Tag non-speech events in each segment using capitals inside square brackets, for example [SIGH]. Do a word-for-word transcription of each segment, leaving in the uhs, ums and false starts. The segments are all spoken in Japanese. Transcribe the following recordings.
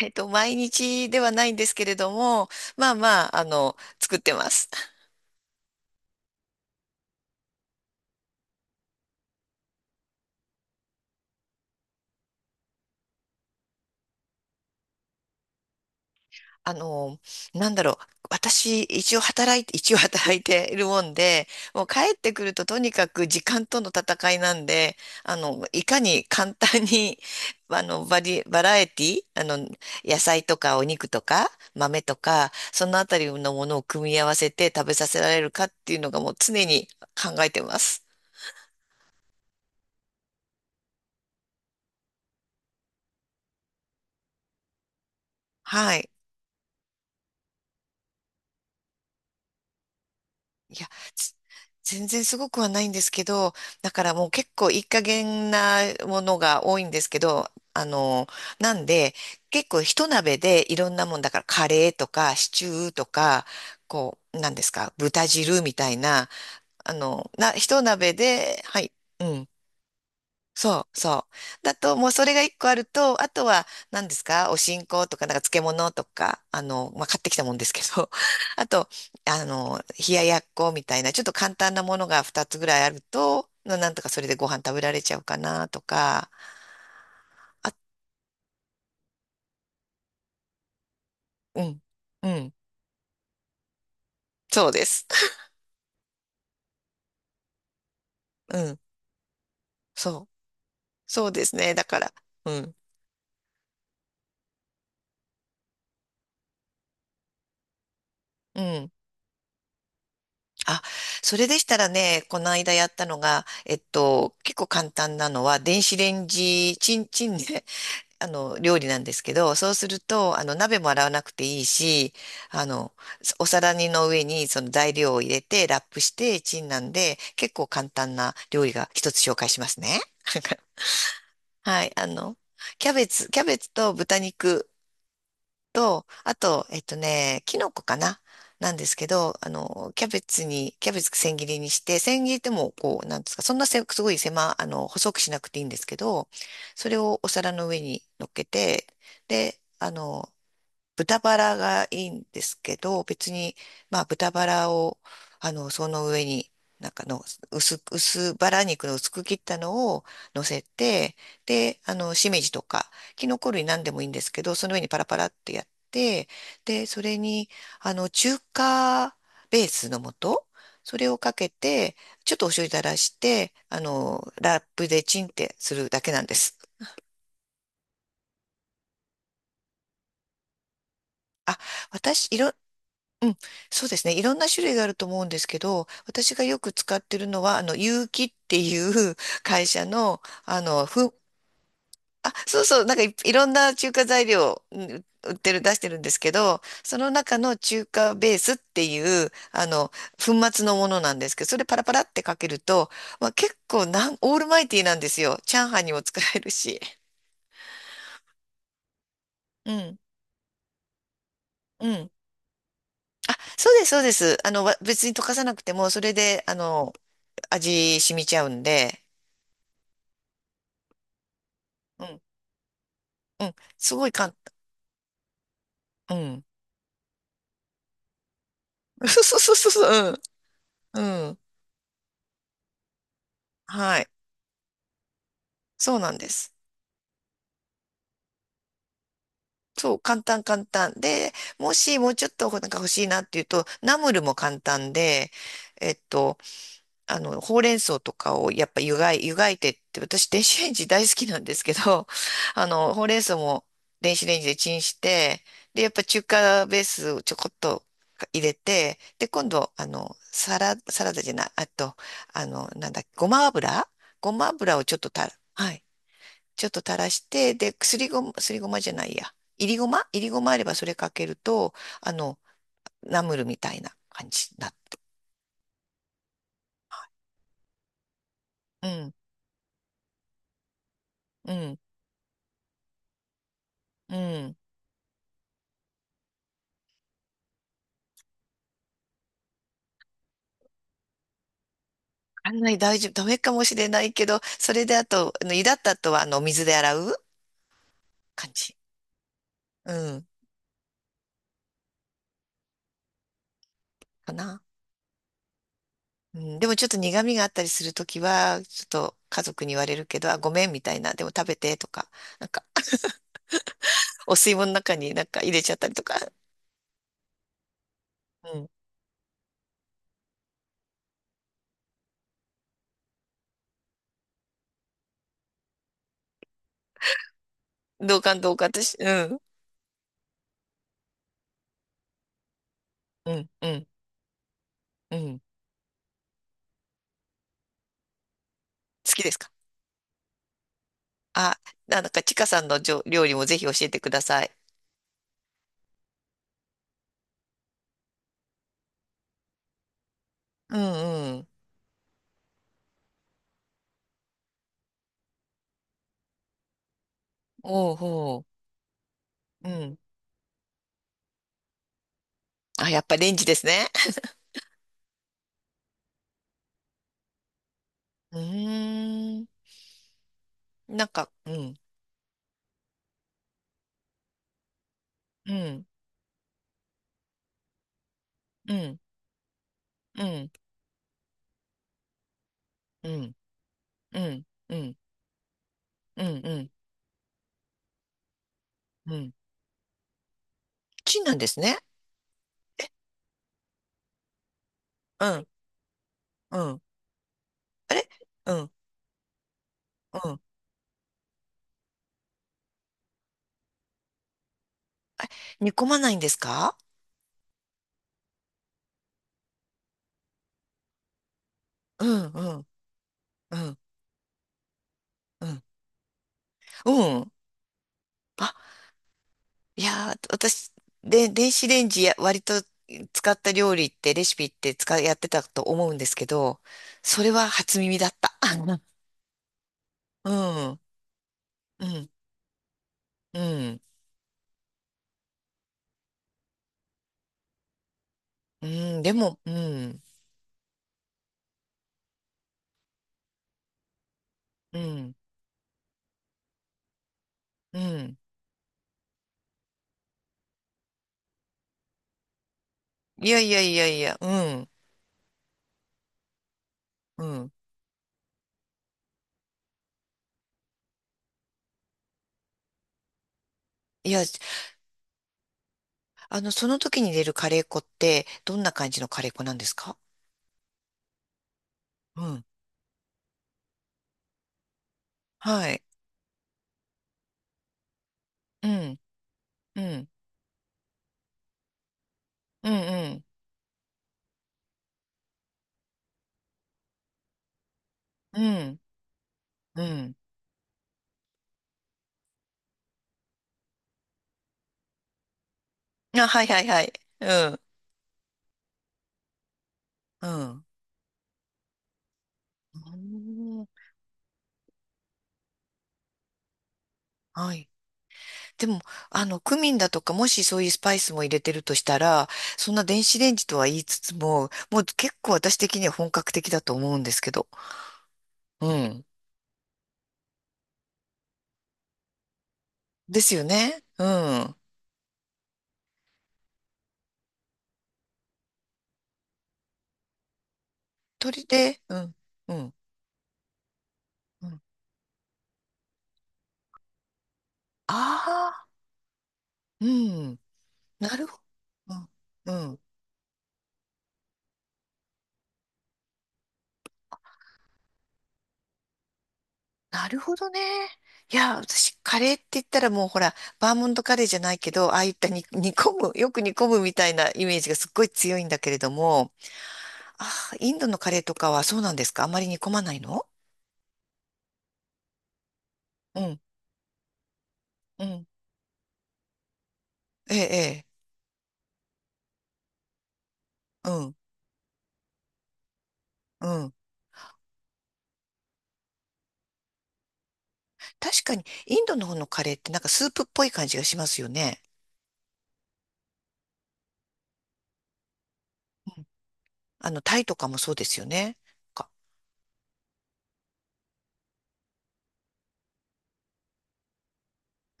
えっと、毎日ではないんですけれども、まあまあ、あの、作ってます。あの、なんだろう。私、一応働いて、一応働いているもんで、もう帰ってくるととにかく時間との戦いなんで、あの、いかに簡単に、[LAUGHS] あの、バリ、バラエティ、あの、野菜とかお肉とか豆とか、そのあたりのものを組み合わせて食べさせられるかっていうのがもう常に考えてます。はい。いや、つ全然すごくはないんですけど、だからもう結構いい加減なものが多いんですけど、あの、なんで、結構一鍋でいろんなもんだからカレーとかシチューとか、こう、なんですか、豚汁みたいな、あの、な、一鍋で、はい、うん。そう、そう。だと、もうそれが一個あると、あとは、何ですかお新香とか、なんか漬物とか、あの、まあ、買ってきたもんですけど、[LAUGHS] あと、あの、冷ややっこみたいな、ちょっと簡単なものが二つぐらいあると、ななんとかそれでご飯食べられちゃうかなとか、うん、うん、そうです。[LAUGHS] うん、そう、そうですね。だから、うん、うん。あ、それでしたらね、この間やったのが、えっと、結構簡単なのは、電子レンジ、チンチンね、あの、料理なんですけど、そうすると、あの、鍋も洗わなくていいし、あの、お皿にの上にその材料を入れて、ラップして、チンなんで、結構簡単な料理が一つ紹介しますね。[LAUGHS] はい、あの、キャベツ、キャベツと豚肉と、あと、えっとね、キノコかななんですけど、あの、キャベツに、キャベツ千切りにして、千切りってもう、こう、なんですか、そんなせ、すごい狭、あの、細くしなくていいんですけど、それをお皿の上に乗っけて、で、あの、豚バラがいいんですけど、別に、まあ、豚バラを、あの、その上に、なんかの、薄く、薄バラ肉の薄く切ったのを乗せて、で、あの、しめじとか、キノコ類なんでもいいんですけど、その上にパラパラってやって、で、それに、あの、中華ベースの素、それをかけて、ちょっとお醤油垂らして、あの、ラップでチンってするだけなんです。あ、私、いろ、うん、そうですね。いろんな種類があると思うんですけど、私がよく使ってるのは、あの、有機っていう [LAUGHS] 会社の、あの、ふあ、そうそう、なんかい、いろんな中華材料、うん売ってる、出してるんですけど、その中の中華ベースっていう、あの、粉末のものなんですけど、それパラパラってかけると、まあ、結構なん、オールマイティーなんですよ。チャーハンにも使えるし。うん。うん。そうです、そうです。あの、わ別に溶かさなくても、それで、あの、味染みちゃうんで。うん。すごい簡単。うん。[LAUGHS] そうそうそうそう。うん。うん。はい。そうなんです。そう、簡単簡単。で、もしもうちょっとなんか欲しいなっていうと、ナムルも簡単で、えっと、あの、ほうれん草とかをやっぱ湯がい、湯がいてって、私電子レンジ大好きなんですけど、[LAUGHS] あの、ほうれん草も電子レンジでチンして、で、やっぱ中華ベースをちょこっと入れて、で、今度、あの、サラ、サラダじゃない、あと、あの、なんだっけ、ごま油ごま油をちょっとたら、はい、ちょっと垂らして、で、すりごま、すりごまじゃないや、いりごまいりごまあればそれかけると、あの、ナムルみたいな感じになって。うん、うん、うん。あんまり大丈夫、ダメかもしれないけど、それであと、あの湯だった後は、あの、お水で洗う感じ。うん、かな。うん、でもちょっと苦味があったりするときは、ちょっと家族に言われるけど、あ、ごめんみたいな、でも食べてとか、なんか、お吸い物の中になんか入れちゃったりとか、うん、同感同感私、うん、うん、うん、うん、好きですか？あ、なんか、ちかさんのじょ料理もぜひ教えてください。うん、うん、おうほう、うん。あ、やっぱレンジですね。うーん、なんか、うん。うん、うん、うん、うん、うん、うん、うん、うん、うん。チンなんですね。うん、うん。あれうん、うん。煮込まないんですか？うん、うん、うん、うん、うん。あ、いやー、私、で、電子レンジや割と使った料理って、レシピって使い、やってたと思うんですけど、それは初耳だった。[LAUGHS] うん、うん、うん、うん、でも、うん、うん、うん。いやいやいやいや、うん、うん。いや、あの、その時に出るカレー粉って、どんな感じのカレー粉なんですか？うん。はい。うん。うん。うん。うん。うん。あ、はいはいはい。うん。うん。うんはい。でも、あの、クミンだとか、もしそういうスパイスも入れてるとしたら、そんな電子レンジとは言いつつも、もう結構私的には本格的だと思うんですけど。うん。ですよね。うん。鶏で、うん。うん。うん。ああ、うん。なるほど。うん。なるほどね。いや、私、カレーって言ったらもうほら、バーモントカレーじゃないけど、ああいったに [LAUGHS] 煮込む、よく煮込むみたいなイメージがすっごい強いんだけれども、ああ、インドのカレーとかはそうなんですか？あまり煮込まないの？うん、うん、ええ、ええ、うん、うん。確かに、インドの方のカレーってなんかスープっぽい感じがしますよね。うんあの、タイとかもそうですよね。か、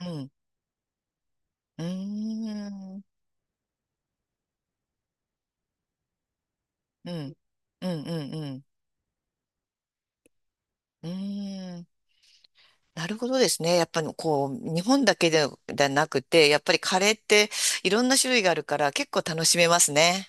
うん、うーん、うん、うん、うん、うん、うーん。なるほどですね。やっぱりこう、日本だけで、ではなくて、やっぱりカレーっていろんな種類があるから結構楽しめますね。